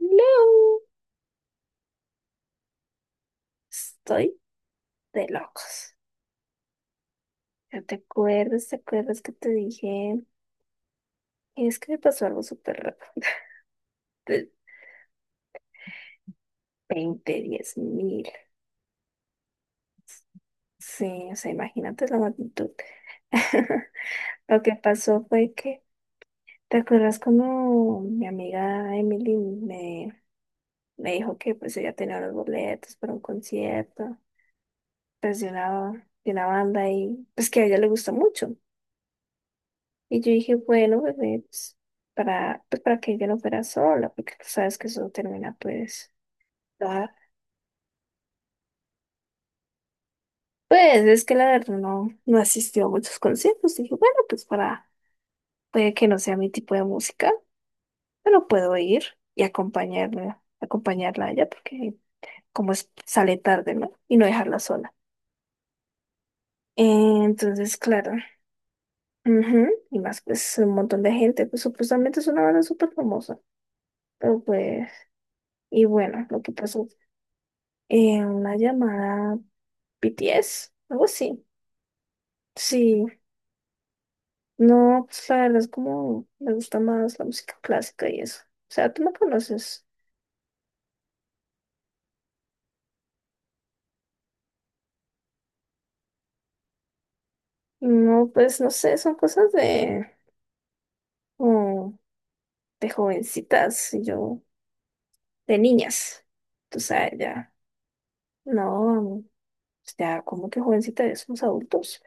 No, estoy de locos. ¿Ya te acuerdas? ¿Te acuerdas que te dije? Es que me pasó algo súper raro. De 20, 10 mil. Sí, o sea, imagínate la magnitud. Lo que pasó fue que, ¿te acuerdas cuando mi amiga Emily me dijo que pues ella tenía los boletos para un concierto, pues de una banda y pues que a ella le gusta mucho? Y yo dije, bueno, bebé, pues, para que ella no fuera sola, porque tú sabes que eso no termina, pues, da- Pues es que la verdad no asistió a muchos conciertos. Dije, bueno, pues para, puede que no sea mi tipo de música, pero puedo ir y acompañarla, acompañarla a ella, porque como es, sale tarde, ¿no? Y no dejarla sola. Eh, Entonces, claro, ujú, y más, pues un montón de gente, pues supuestamente es una banda súper famosa, pero pues, y bueno, lo que pasó una llamada BTS, algo así. Sí, no, pues la verdad es como me gusta más la música clásica y eso. O sea, tú me conoces. No, pues no sé, son cosas de, como de jovencitas y yo, de niñas. Tú sabes, ya. No, pues, ya, como que jovencita, ya somos adultos.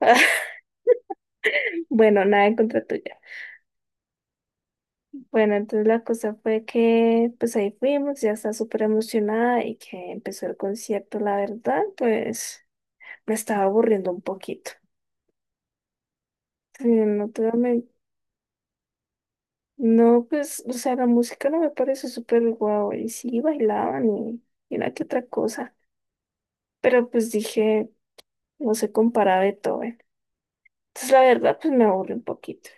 Bueno, nada en contra tuya. Bueno, entonces la cosa fue que pues ahí fuimos, ya estaba súper emocionada y que empezó el concierto, la verdad, pues me estaba aburriendo un poquito. Sí, no, te voy a men- no, pues, o sea, la música no me parece súper guau. Y sí, bailaban y una que otra cosa. Pero pues dije, no se compara a Beethoven. Entonces, la verdad, pues me aburre un poquito.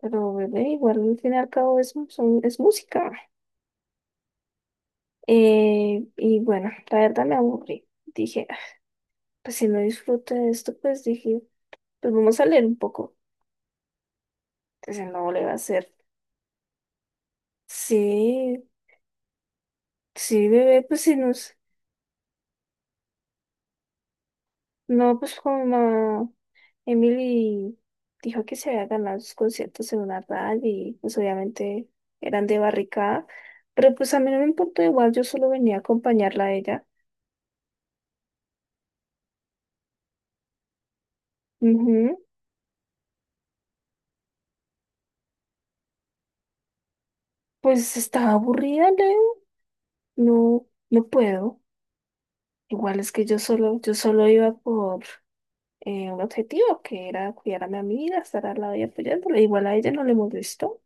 Pero bebé, igual al fin y al cabo es música. Y bueno, la verdad me aburrí. Dije, "Ah, pues si no disfruto de esto, pues dije, pues vamos a leer un poco. Entonces, no le va a hacer. Sí, sí, bebé, pues si nos. No, pues como Emily dijo que se había ganado sus conciertos en una radio y pues obviamente eran de barricada, pero pues a mí no me importó igual, yo solo venía a acompañarla a ella. Ujú. Pues estaba aburrida, Leo. No, no puedo. Igual es que yo solo iba por un objetivo que era cuidar a mi amiga, estar al lado y apoyándola. Igual a ella no le molestó.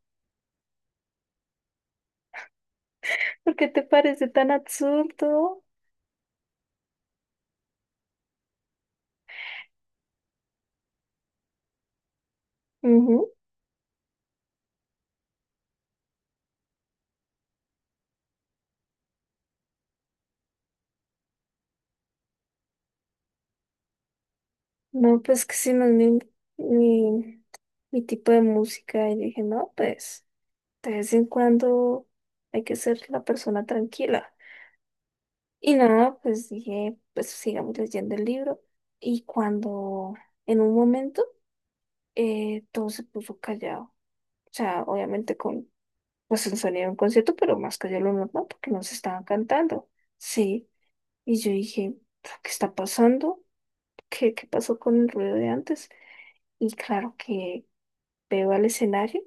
¿Por qué te parece tan absurdo? No, pues que sí, no es mi, mi tipo de música. Y dije, no, pues de vez en cuando hay que ser la persona tranquila. Y nada, pues dije, pues sigamos leyendo el libro. Y cuando en un momento todo se puso callado. O sea, obviamente con pues el sonido de un concierto, pero más callado de lo normal porque no se estaban cantando. Sí. Y yo dije, ¿qué está pasando? ¿Qué pasó con el ruido de antes? Y claro que veo al escenario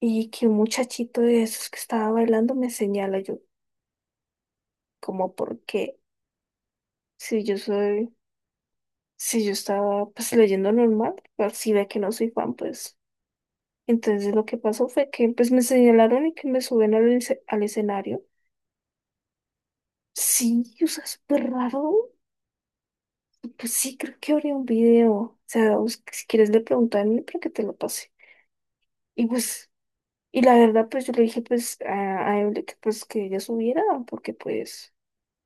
y que un muchachito de esos que estaba bailando me señala yo, como porque si yo soy, si yo estaba pues leyendo normal, pero si ve que no soy fan, pues entonces lo que pasó fue que pues me señalaron y que me suben al escenario. Sí, o sea, súper raro. Pues sí, creo que habría un video. O sea, si quieres le pregunto a mí para que te lo pase. Y pues, y la verdad, pues yo le dije pues a Evelyn que pues que ella subiera, porque pues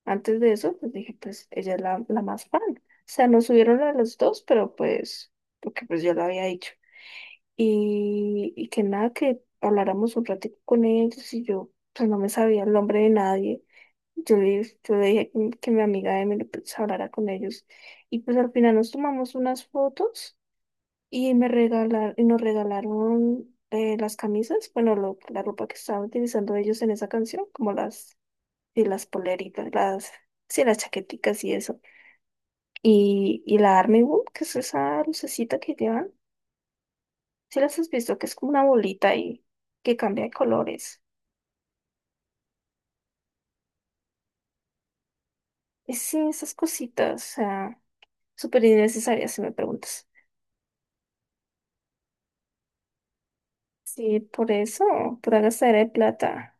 antes de eso, pues dije, pues ella es la más fan. O sea, nos subieron a los dos, pero pues, porque pues yo lo había dicho. Y que nada, que habláramos un ratito con ellos y yo, pues no me sabía el nombre de nadie. Yo le dije que mi amiga Emily pues hablara con ellos. Y pues al final nos tomamos unas fotos y me regalaron, y nos regalaron las camisas, bueno, la ropa que estaban utilizando ellos en esa canción, como las y las poleritas, las, sí, las chaqueticas y eso. Y la Army Wool, que es esa lucecita que llevan, si las has visto, que es como una bolita y que cambia de colores. Y sí, esas cositas, o sea, súper innecesarias si me preguntas. Sí, por eso, pura gastadera de plata,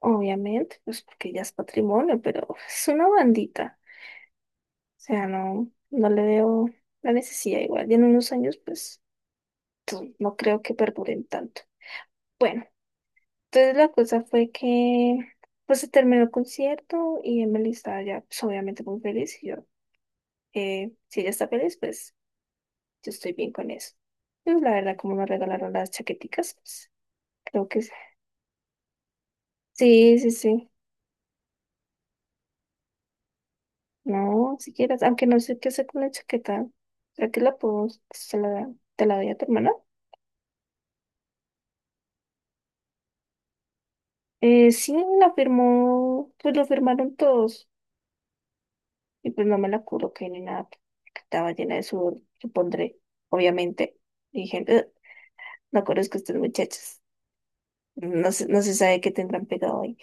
obviamente, pues porque ya es patrimonio, pero es una bandita. O sea, no, no le veo la necesidad igual. Y en unos años, pues, no creo que perduren tanto. Bueno. Entonces la cosa fue que pues se terminó el concierto y Emily estaba ya pues, obviamente muy feliz y yo, si ella está feliz, pues yo estoy bien con eso. Y pues, la verdad, como nos regalaron las chaqueticas, pues creo que sí, sí, sí. Sí. No, si quieres, aunque no sé qué hacer con la chaqueta, ¿será que la puedo, se la, te la doy a tu hermana? Sí, la firmó, pues lo firmaron todos y pues no me la coloqué ni nada, porque estaba llena de sudor, supondré, obviamente. Dije, "Ugh". No conozco a estas muchachas. No se sabe qué tendrán pegado ahí.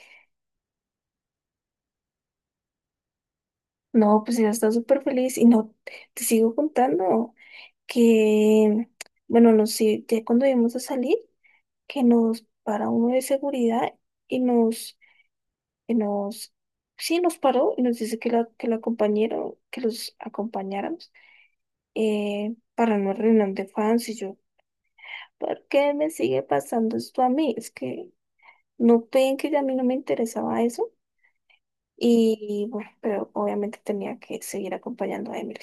No, pues ella está súper feliz. Y no, te sigo contando que, bueno, no sé, ya cuando íbamos a salir, que nos para uno de seguridad y nos, y nos, sí, nos paró y nos dice que la acompañaron, que los acompañáramos para una reunión de fans. Y yo, ¿por qué me sigue pasando esto a mí? Es que no ven que ya a mí no me interesaba eso. Y bueno, pero obviamente tenía que seguir acompañando a Emily.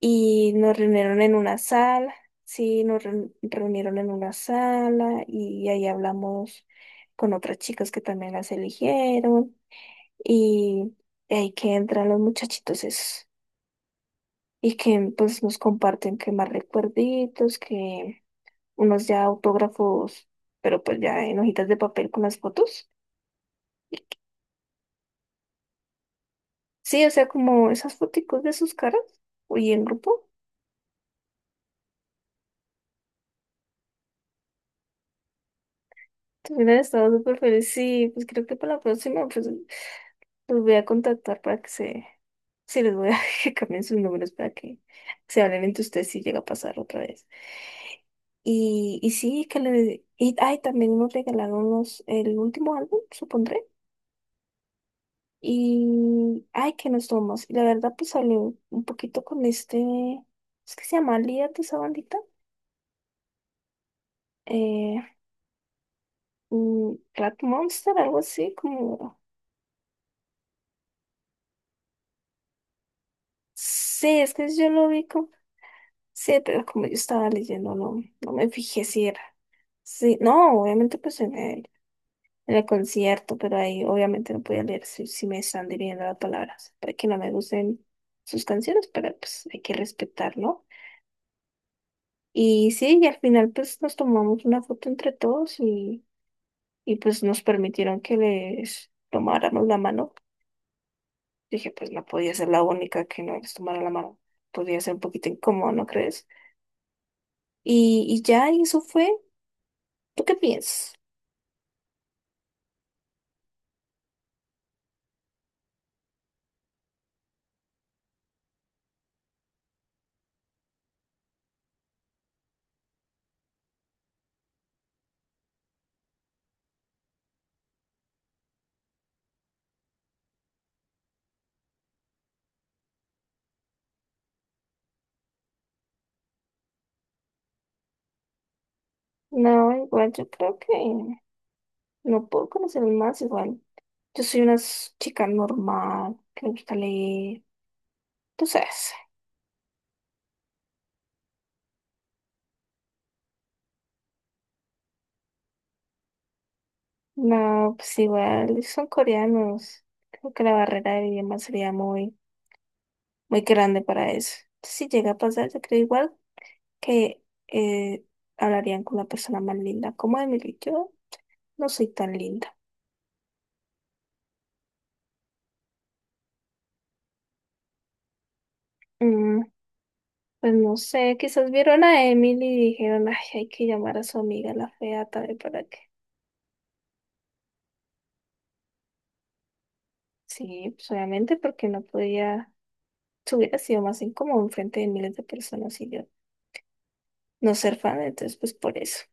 Y nos reunieron en una sala, sí, nos reunieron en una sala y ahí hablamos con otras chicas que también las eligieron. Y ahí que entran los muchachitos esos. Y que pues nos comparten que más recuerditos, que unos ya autógrafos, pero pues ya en hojitas de papel con las fotos. Sí, o sea, como esas foticos de sus caras y en grupo. Te hubieran estado súper feliz. Sí, pues creo que para la próxima, pues los voy a contactar para que se. Sí, les voy a que cambien sus números para que se hablen entre ustedes si llega a pasar otra vez. Y sí, que le. Y, ay, también nos regalaron el último álbum, supondré. Y. Ay, que nos tomamos. Y la verdad, pues hablé un poquito con este. Es que se llama líder de esa bandita. Eh, Rat Monster, algo así, como. Sí, es que yo lo vi como. Sí, pero como yo estaba leyendo, no, no me fijé si era. Sí, no, obviamente pues en el concierto, pero ahí obviamente no podía leer si me están dirigiendo las palabras, para que no me gusten sus canciones, pero pues hay que respetar, ¿no? Y sí, y al final pues nos tomamos una foto entre todos y pues nos permitieron que les tomáramos la mano. Dije, pues no podía ser la única que no les tomara la mano. Podía ser un poquito incómodo, ¿no crees? Y ya, y eso fue. ¿Tú qué piensas? No, igual yo creo que no puedo conocer más igual. Yo soy una chica normal, que me gusta leer. Tú sabes. No, pues igual son coreanos. Creo que la barrera del idioma sería muy, muy grande para eso. Si llega a pasar, yo creo igual que eh, hablarían con la persona más linda. Como Emily, yo no soy tan linda. Mm, pues no sé, quizás vieron a Emily y dijeron, ay, hay que llamar a su amiga la fea también para que. Sí, pues, obviamente porque no podía, se hubiera sido más incómodo enfrente de miles de personas y yo no ser fan, entonces pues por eso.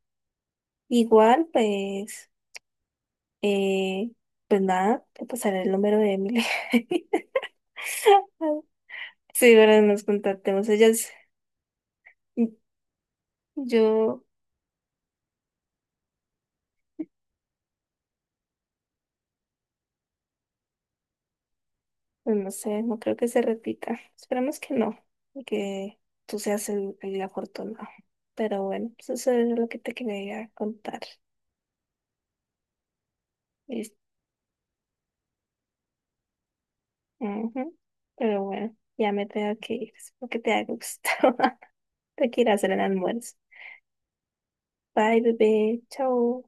Igual, pues, eh, pues nada, te pasaré el número de Emily. Sí, ahora nos contactemos. Ellas, yo, pues no sé, no creo que se repita. Esperemos que no, y que tú seas el afortunado. Pero bueno, pues eso es lo que te quería contar. Ujú. Pero bueno, ya me tengo que ir. Espero que te haya gustado. Te quiero hacer el almuerzo. Bye, bebé. Chao.